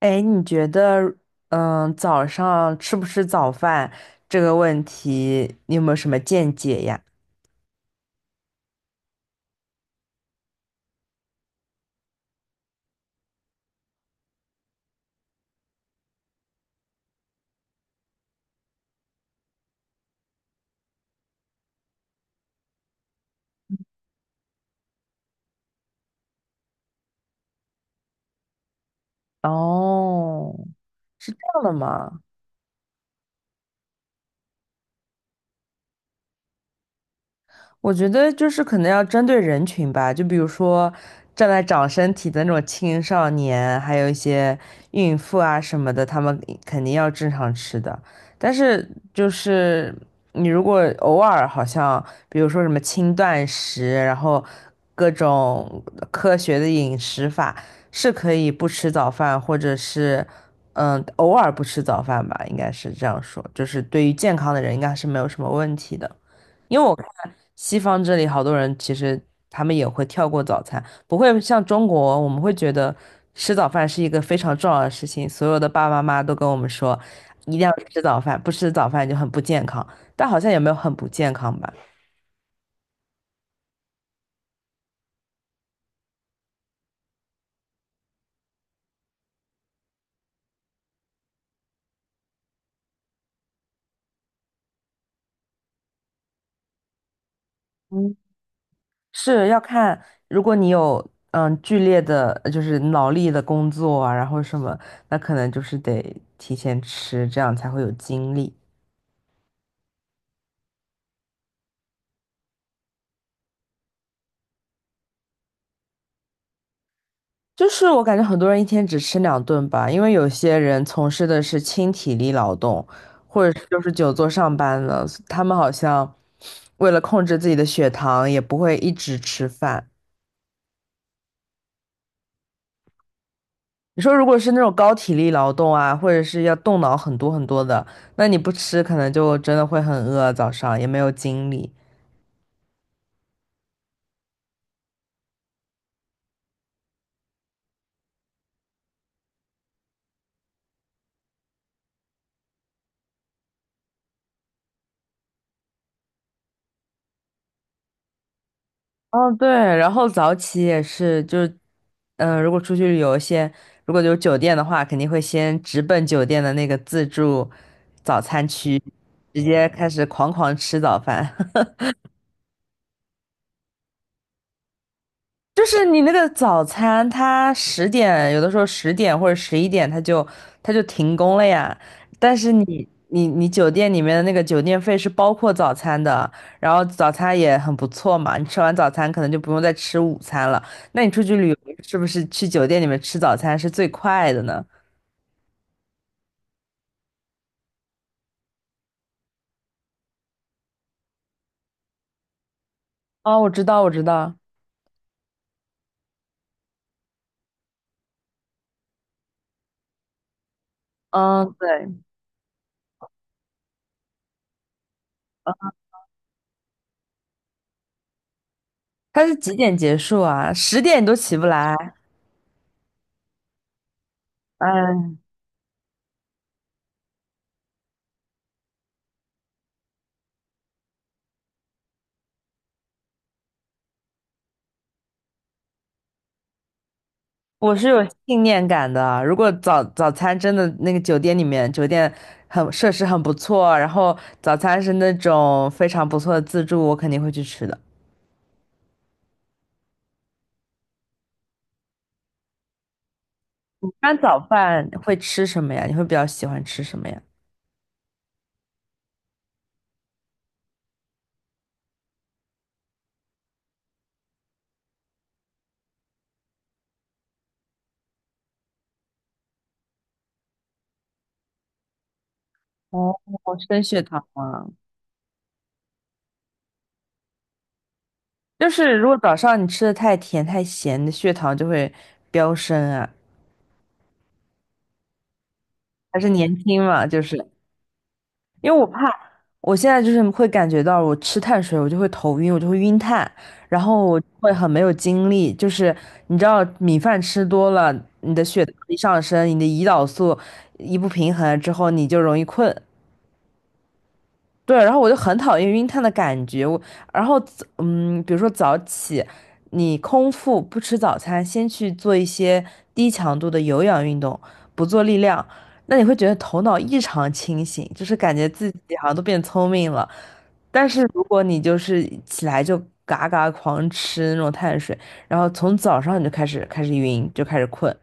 哎，你觉得，早上吃不吃早饭这个问题，你有没有什么见解呀？哦，是这样的吗？我觉得就是可能要针对人群吧，就比如说正在长身体的那种青少年，还有一些孕妇啊什么的，他们肯定要正常吃的。但是就是你如果偶尔好像，比如说什么轻断食，然后各种科学的饮食法，是可以不吃早饭，或者是偶尔不吃早饭吧，应该是这样说，就是对于健康的人应该是没有什么问题的。因为我看西方这里好多人其实他们也会跳过早餐，不会像中国，我们会觉得吃早饭是一个非常重要的事情，所有的爸爸妈妈都跟我们说一定要吃早饭，不吃早饭就很不健康，但好像也没有很不健康吧。嗯，是要看，如果你有剧烈的，就是脑力的工作啊，然后什么，那可能就是得提前吃，这样才会有精力。就是我感觉很多人一天只吃2顿吧，因为有些人从事的是轻体力劳动，或者是就是久坐上班了，他们好像为了控制自己的血糖，也不会一直吃饭。你说如果是那种高体力劳动啊，或者是要动脑很多很多的，那你不吃可能就真的会很饿，早上也没有精力。哦，对，然后早起也是，就是，如果出去旅游先，如果有酒店的话，肯定会先直奔酒店的那个自助早餐区，直接开始狂狂吃早饭。就是你那个早餐，它十点有的时候十点或者11点，它就停工了呀。但是你酒店里面的那个酒店费是包括早餐的，然后早餐也很不错嘛。你吃完早餐可能就不用再吃午餐了。那你出去旅游是不是去酒店里面吃早餐是最快的呢？哦，我知道，我知道。嗯，对，它是几点结束啊？十点你都起不来。嗯。我是有信念感的啊。如果早餐真的那个酒店里面，酒店很设施很不错，然后早餐是那种非常不错的自助，我肯定会去吃的。一般早饭会吃什么呀？你会比较喜欢吃什么呀？哦，升血糖啊，就是如果早上你吃的太甜太咸，你的血糖就会飙升啊。还是年轻嘛，就是。因为我怕，我现在就是会感觉到我吃碳水，我就会头晕，我就会晕碳，然后我会很没有精力。就是你知道，米饭吃多了，你的血糖一上升，你的胰岛素一不平衡之后，你就容易困。对，然后我就很讨厌晕碳的感觉。我，然后比如说早起，你空腹不吃早餐，先去做一些低强度的有氧运动，不做力量，那你会觉得头脑异常清醒，就是感觉自己好像都变聪明了。但是如果你就是起来就嘎嘎狂吃那种碳水，然后从早上你就开始晕，就开始困，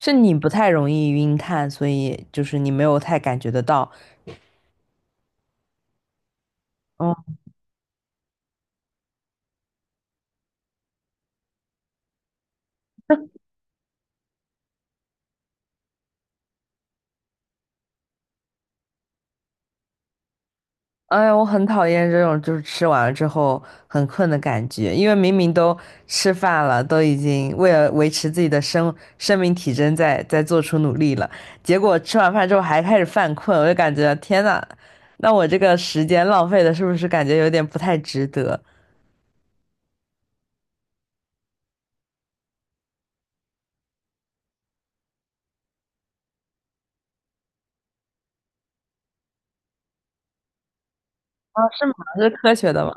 是你不太容易晕碳，所以就是你没有太感觉得到。哎呀，我很讨厌这种就是吃完了之后很困的感觉，因为明明都吃饭了，都已经为了维持自己的生命体征在做出努力了，结果吃完饭之后还开始犯困，我就感觉天呐，那我这个时间浪费的是不是感觉有点不太值得？啊，是吗？是科学的吗？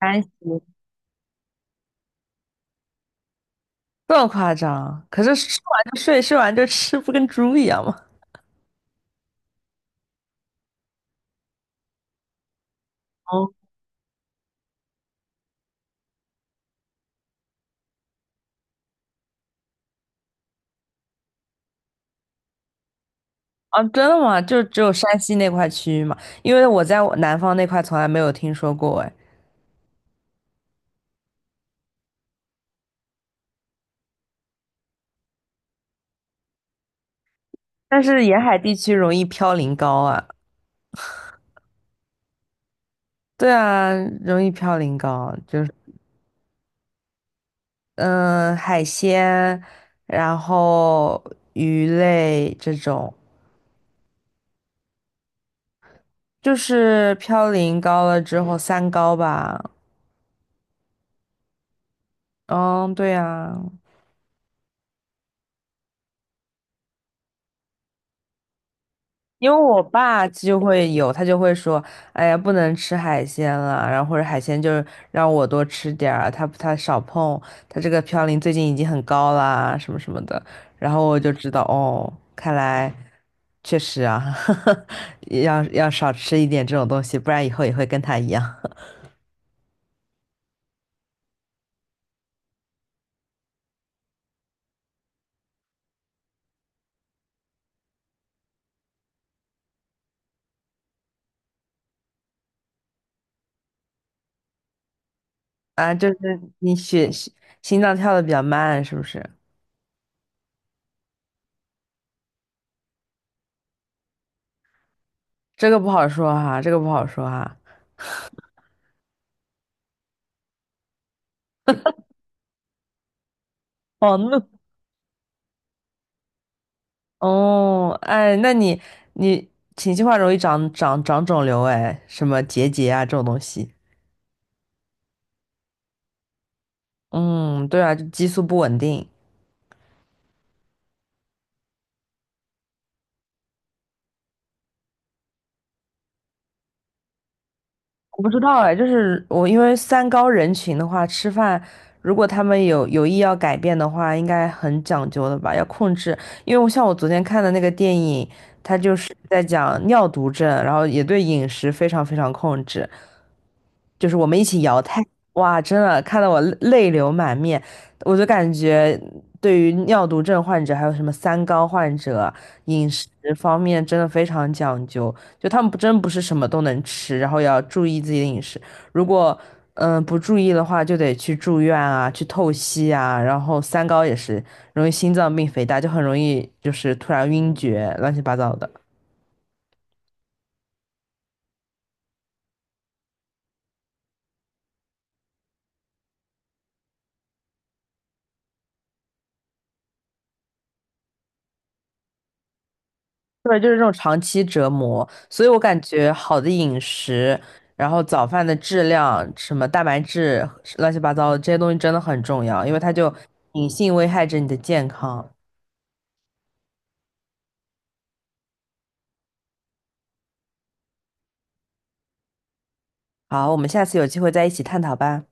安息。这么夸张？可是吃完就睡，睡完就吃，不跟猪一样吗？哦。啊，真的吗？就只有山西那块区域吗？因为我在我南方那块从来没有听说过哎。但是沿海地区容易嘌呤高啊，对啊，容易嘌呤高，就是海鲜，然后鱼类这种，就是嘌呤高了之后三高吧。嗯，对啊，因为我爸就会有，他就会说：“哎呀，不能吃海鲜了，然后或者海鲜就是让我多吃点儿啊，他少碰，他这个嘌呤最近已经很高啦，什么什么的。”然后我就知道，哦，看来确实啊，要少吃一点这种东西，不然以后也会跟他一样啊。就是你心脏跳的比较慢，是不是？这个不好说哈，这个不好说哈。哦，那。哦，哎，那你情绪化容易长肿瘤，哎，什么结节啊这种东西。嗯，对啊，就激素不稳定。我不知道哎，就是我因为三高人群的话，吃饭如果他们有意要改变的话，应该很讲究的吧，要控制。因为我像我昨天看的那个电影，它就是在讲尿毒症，然后也对饮食非常非常控制。就是我们一起摇太，哇，真的看得我泪流满面。我就感觉对于尿毒症患者，还有什么三高患者，饮食方面真的非常讲究，就他们不是什么都能吃，然后要注意自己的饮食。如果不注意的话，就得去住院啊，去透析啊，然后三高也是容易心脏病、肥大，就很容易就是突然晕厥，乱七八糟的。对，就是这种长期折磨，所以我感觉好的饮食，然后早饭的质量，什么蛋白质，乱七八糟的这些东西真的很重要，因为它就隐性危害着你的健康。好，我们下次有机会再一起探讨吧。